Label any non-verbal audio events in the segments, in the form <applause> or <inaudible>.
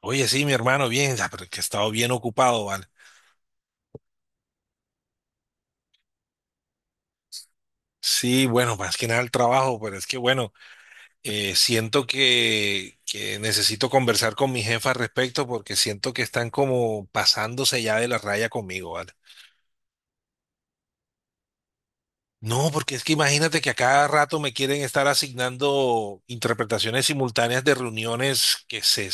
Oye, sí, mi hermano, bien, pero que he estado bien ocupado, ¿vale? Sí, bueno, más que nada el trabajo, pero es que bueno, siento que necesito conversar con mi jefa al respecto porque siento que están como pasándose ya de la raya conmigo, ¿vale? No, porque es que imagínate que a cada rato me quieren estar asignando interpretaciones simultáneas de reuniones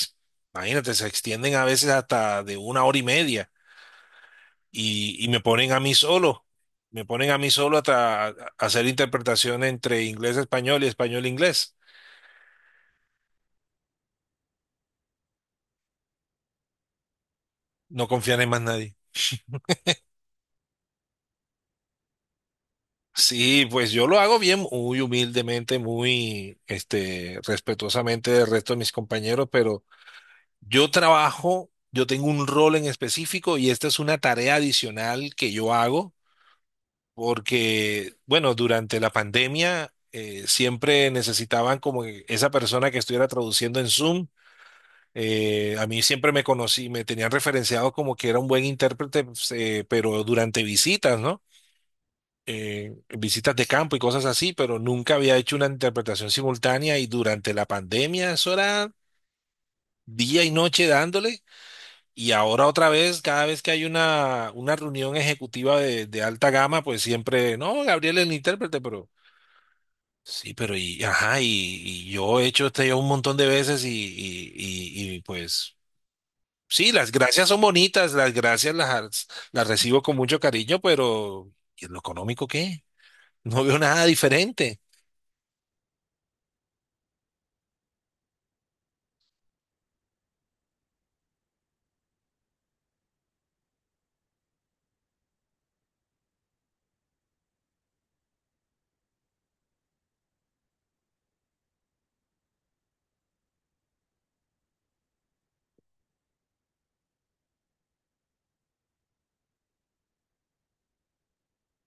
imagínate, se extienden a veces hasta de una hora y media. Y me ponen a mí solo, me ponen a mí solo a hacer interpretación entre inglés-español y español-inglés. No confían en más nadie. Sí, pues yo lo hago bien, muy humildemente, muy respetuosamente del resto de mis compañeros, pero yo trabajo, yo tengo un rol en específico y esta es una tarea adicional que yo hago porque, bueno, durante la pandemia siempre necesitaban como que esa persona que estuviera traduciendo en Zoom. A mí siempre me conocí, me tenían referenciado como que era un buen intérprete, pues, pero durante visitas, ¿no? Visitas de campo y cosas así, pero nunca había hecho una interpretación simultánea y durante la pandemia eso era día y noche dándole. Y ahora otra vez, cada vez que hay una reunión ejecutiva de alta gama, pues siempre, no, Gabriel es el intérprete, pero sí, ajá, y yo he hecho este un montón de veces pues... Sí, las gracias son bonitas, las gracias las recibo con mucho cariño, pero ¿y en lo económico qué? No veo nada diferente.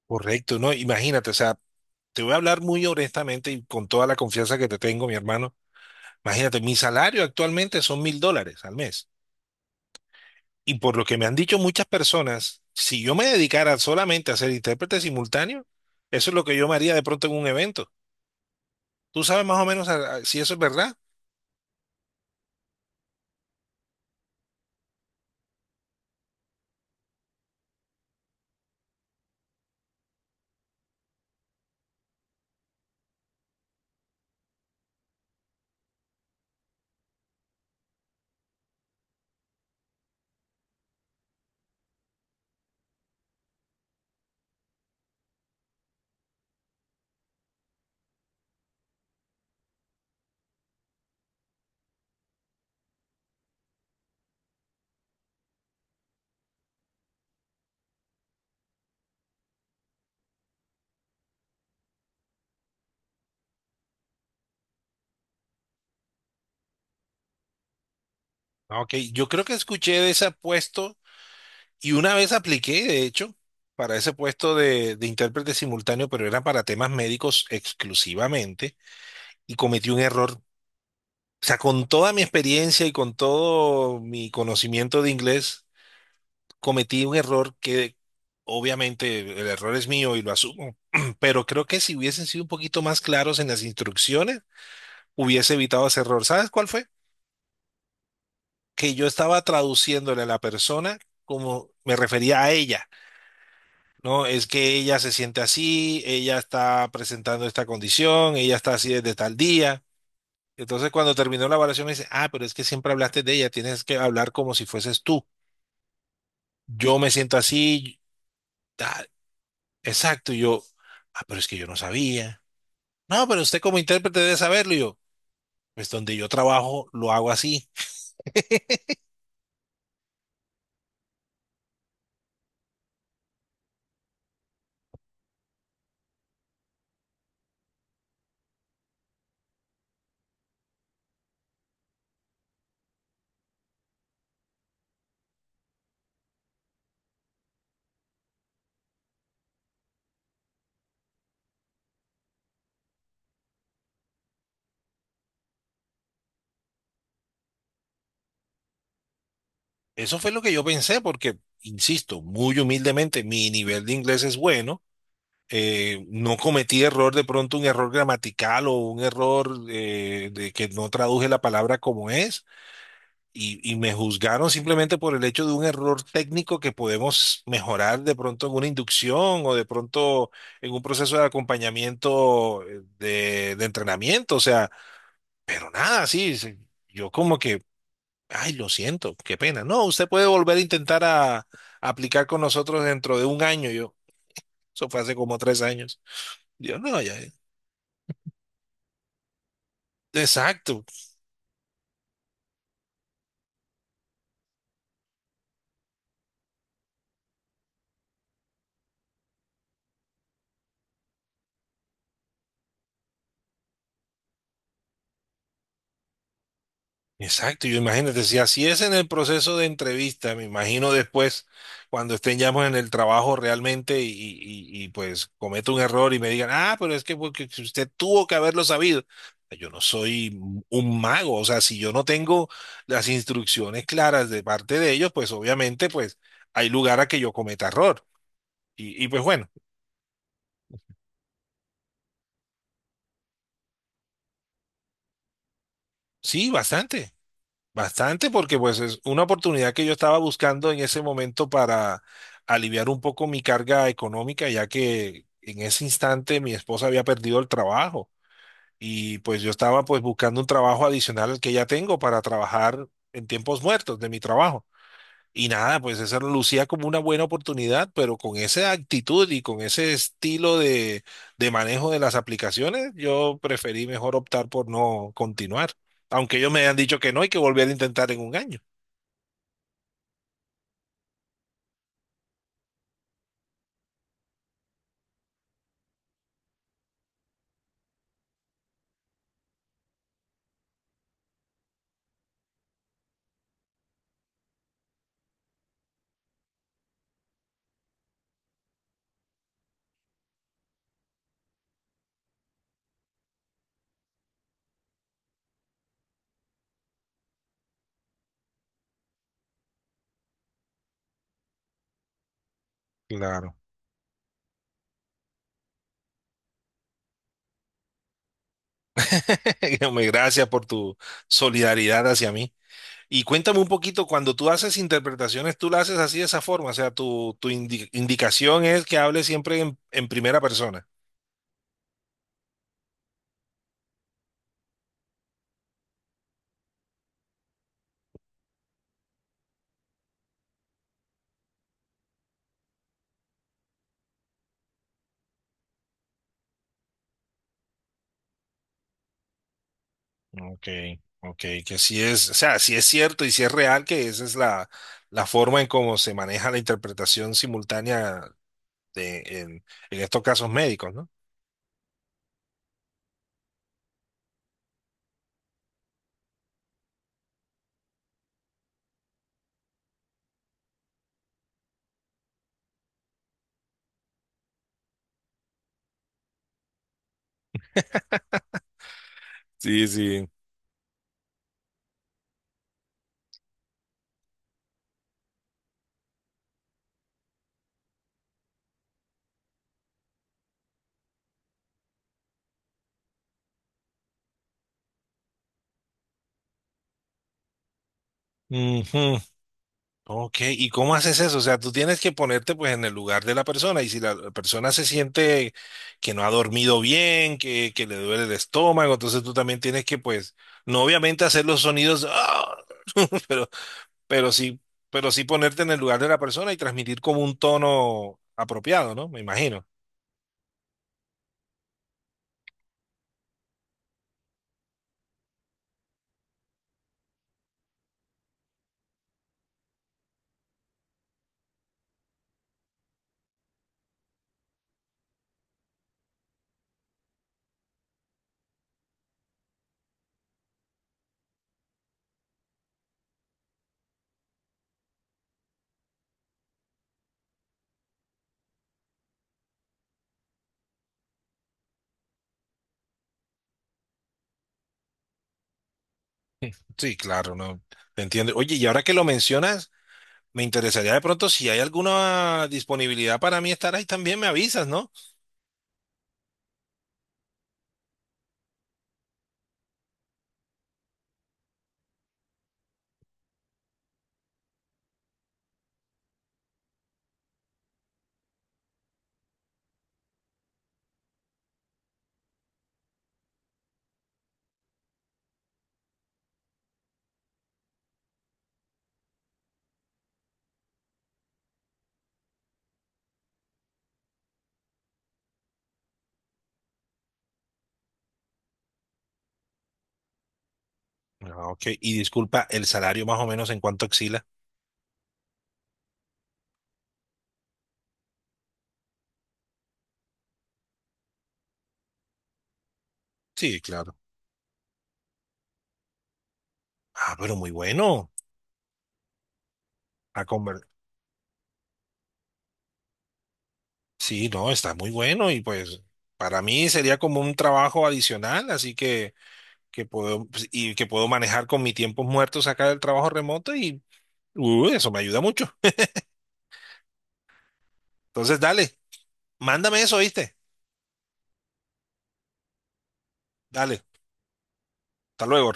Correcto, ¿no? Imagínate, o sea, te voy a hablar muy honestamente y con toda la confianza que te tengo, mi hermano. Imagínate, mi salario actualmente son $1,000 al mes. Y por lo que me han dicho muchas personas, si yo me dedicara solamente a ser intérprete simultáneo, eso es lo que yo me haría de pronto en un evento. ¿Tú sabes más o menos si eso es verdad? Ah, OK, yo creo que escuché de ese puesto y una vez apliqué, de hecho, para ese puesto de intérprete simultáneo, pero era para temas médicos exclusivamente y cometí un error. O sea, con toda mi experiencia y con todo mi conocimiento de inglés, cometí un error que obviamente el error es mío y lo asumo, <clears throat> pero creo que si hubiesen sido un poquito más claros en las instrucciones, hubiese evitado ese error. ¿Sabes cuál fue? Que yo estaba traduciéndole a la persona como me refería a ella. No, es que ella se siente así, ella está presentando esta condición, ella está así desde tal día. Entonces, cuando terminó la evaluación, me dice, ah, pero es que siempre hablaste de ella, tienes que hablar como si fueses tú. Yo me siento así, ah, exacto, y yo, ah, pero es que yo no sabía. No, pero usted como intérprete debe saberlo, y yo, pues donde yo trabajo lo hago así. Eso fue lo que yo pensé, porque, insisto, muy humildemente, mi nivel de inglés es bueno. No cometí error, de pronto un error gramatical o un error de que no traduje la palabra como es, y me juzgaron simplemente por el hecho de un error técnico que podemos mejorar de pronto en una inducción o de pronto en un proceso de acompañamiento de entrenamiento, o sea, pero nada, sí, sí, yo como que, ay, lo siento, qué pena. No, usted puede volver a intentar a aplicar con nosotros dentro de un año, yo. Eso fue hace como 3 años. Yo no, ya. Exacto, exacto. Yo imagínate, si así es en el proceso de entrevista, me imagino después, cuando estén ya pues, en el trabajo realmente pues cometo un error y me digan, ah, pero es que porque usted tuvo que haberlo sabido. Yo no soy un mago, o sea, si yo no tengo las instrucciones claras de parte de ellos, pues obviamente pues hay lugar a que yo cometa error. Y pues bueno, sí, bastante. Bastante, porque pues es una oportunidad que yo estaba buscando en ese momento para aliviar un poco mi carga económica, ya que en ese instante mi esposa había perdido el trabajo y pues yo estaba pues buscando un trabajo adicional al que ya tengo para trabajar en tiempos muertos de mi trabajo. Y nada, pues eso lucía como una buena oportunidad, pero con esa actitud y con ese estilo de manejo de las aplicaciones, yo preferí mejor optar por no continuar. Aunque ellos me han dicho que no hay que volver a intentar en un año. Claro. <laughs> Hombre, gracias por tu solidaridad hacia mí. Y cuéntame un poquito, cuando tú haces interpretaciones, tú las haces así de esa forma, o sea, tu indicación es que hables siempre en primera persona. OK, OK, que sí es, o sea, sí es cierto y sí es real que esa es la forma en cómo se maneja la interpretación simultánea de, en, en estos casos médicos, ¿no? Sí, sí. Ujú. OK, ¿y cómo haces eso? O sea, tú tienes que ponerte pues en el lugar de la persona y si la persona se siente que no ha dormido bien, que le duele el estómago, entonces tú también tienes que pues, no obviamente hacer los sonidos, ¡ah! <laughs> pero pero sí, pero sí ponerte en el lugar de la persona y transmitir como un tono apropiado, ¿no? Me imagino. Sí, claro, no, te entiendo. Oye, y ahora que lo mencionas, me interesaría de pronto si hay alguna disponibilidad para mí estar ahí, también me avisas, ¿no? Ah, OK, y disculpa, el salario más o menos en cuánto oscila. Sí, claro. Ah, pero muy bueno. A conver- Sí, no, está muy bueno y pues para mí sería como un trabajo adicional, así que puedo pues, y que puedo manejar con mis tiempos muertos acá del trabajo remoto y uy, eso me ayuda mucho. Entonces, dale, mándame eso, ¿viste? Dale, hasta luego.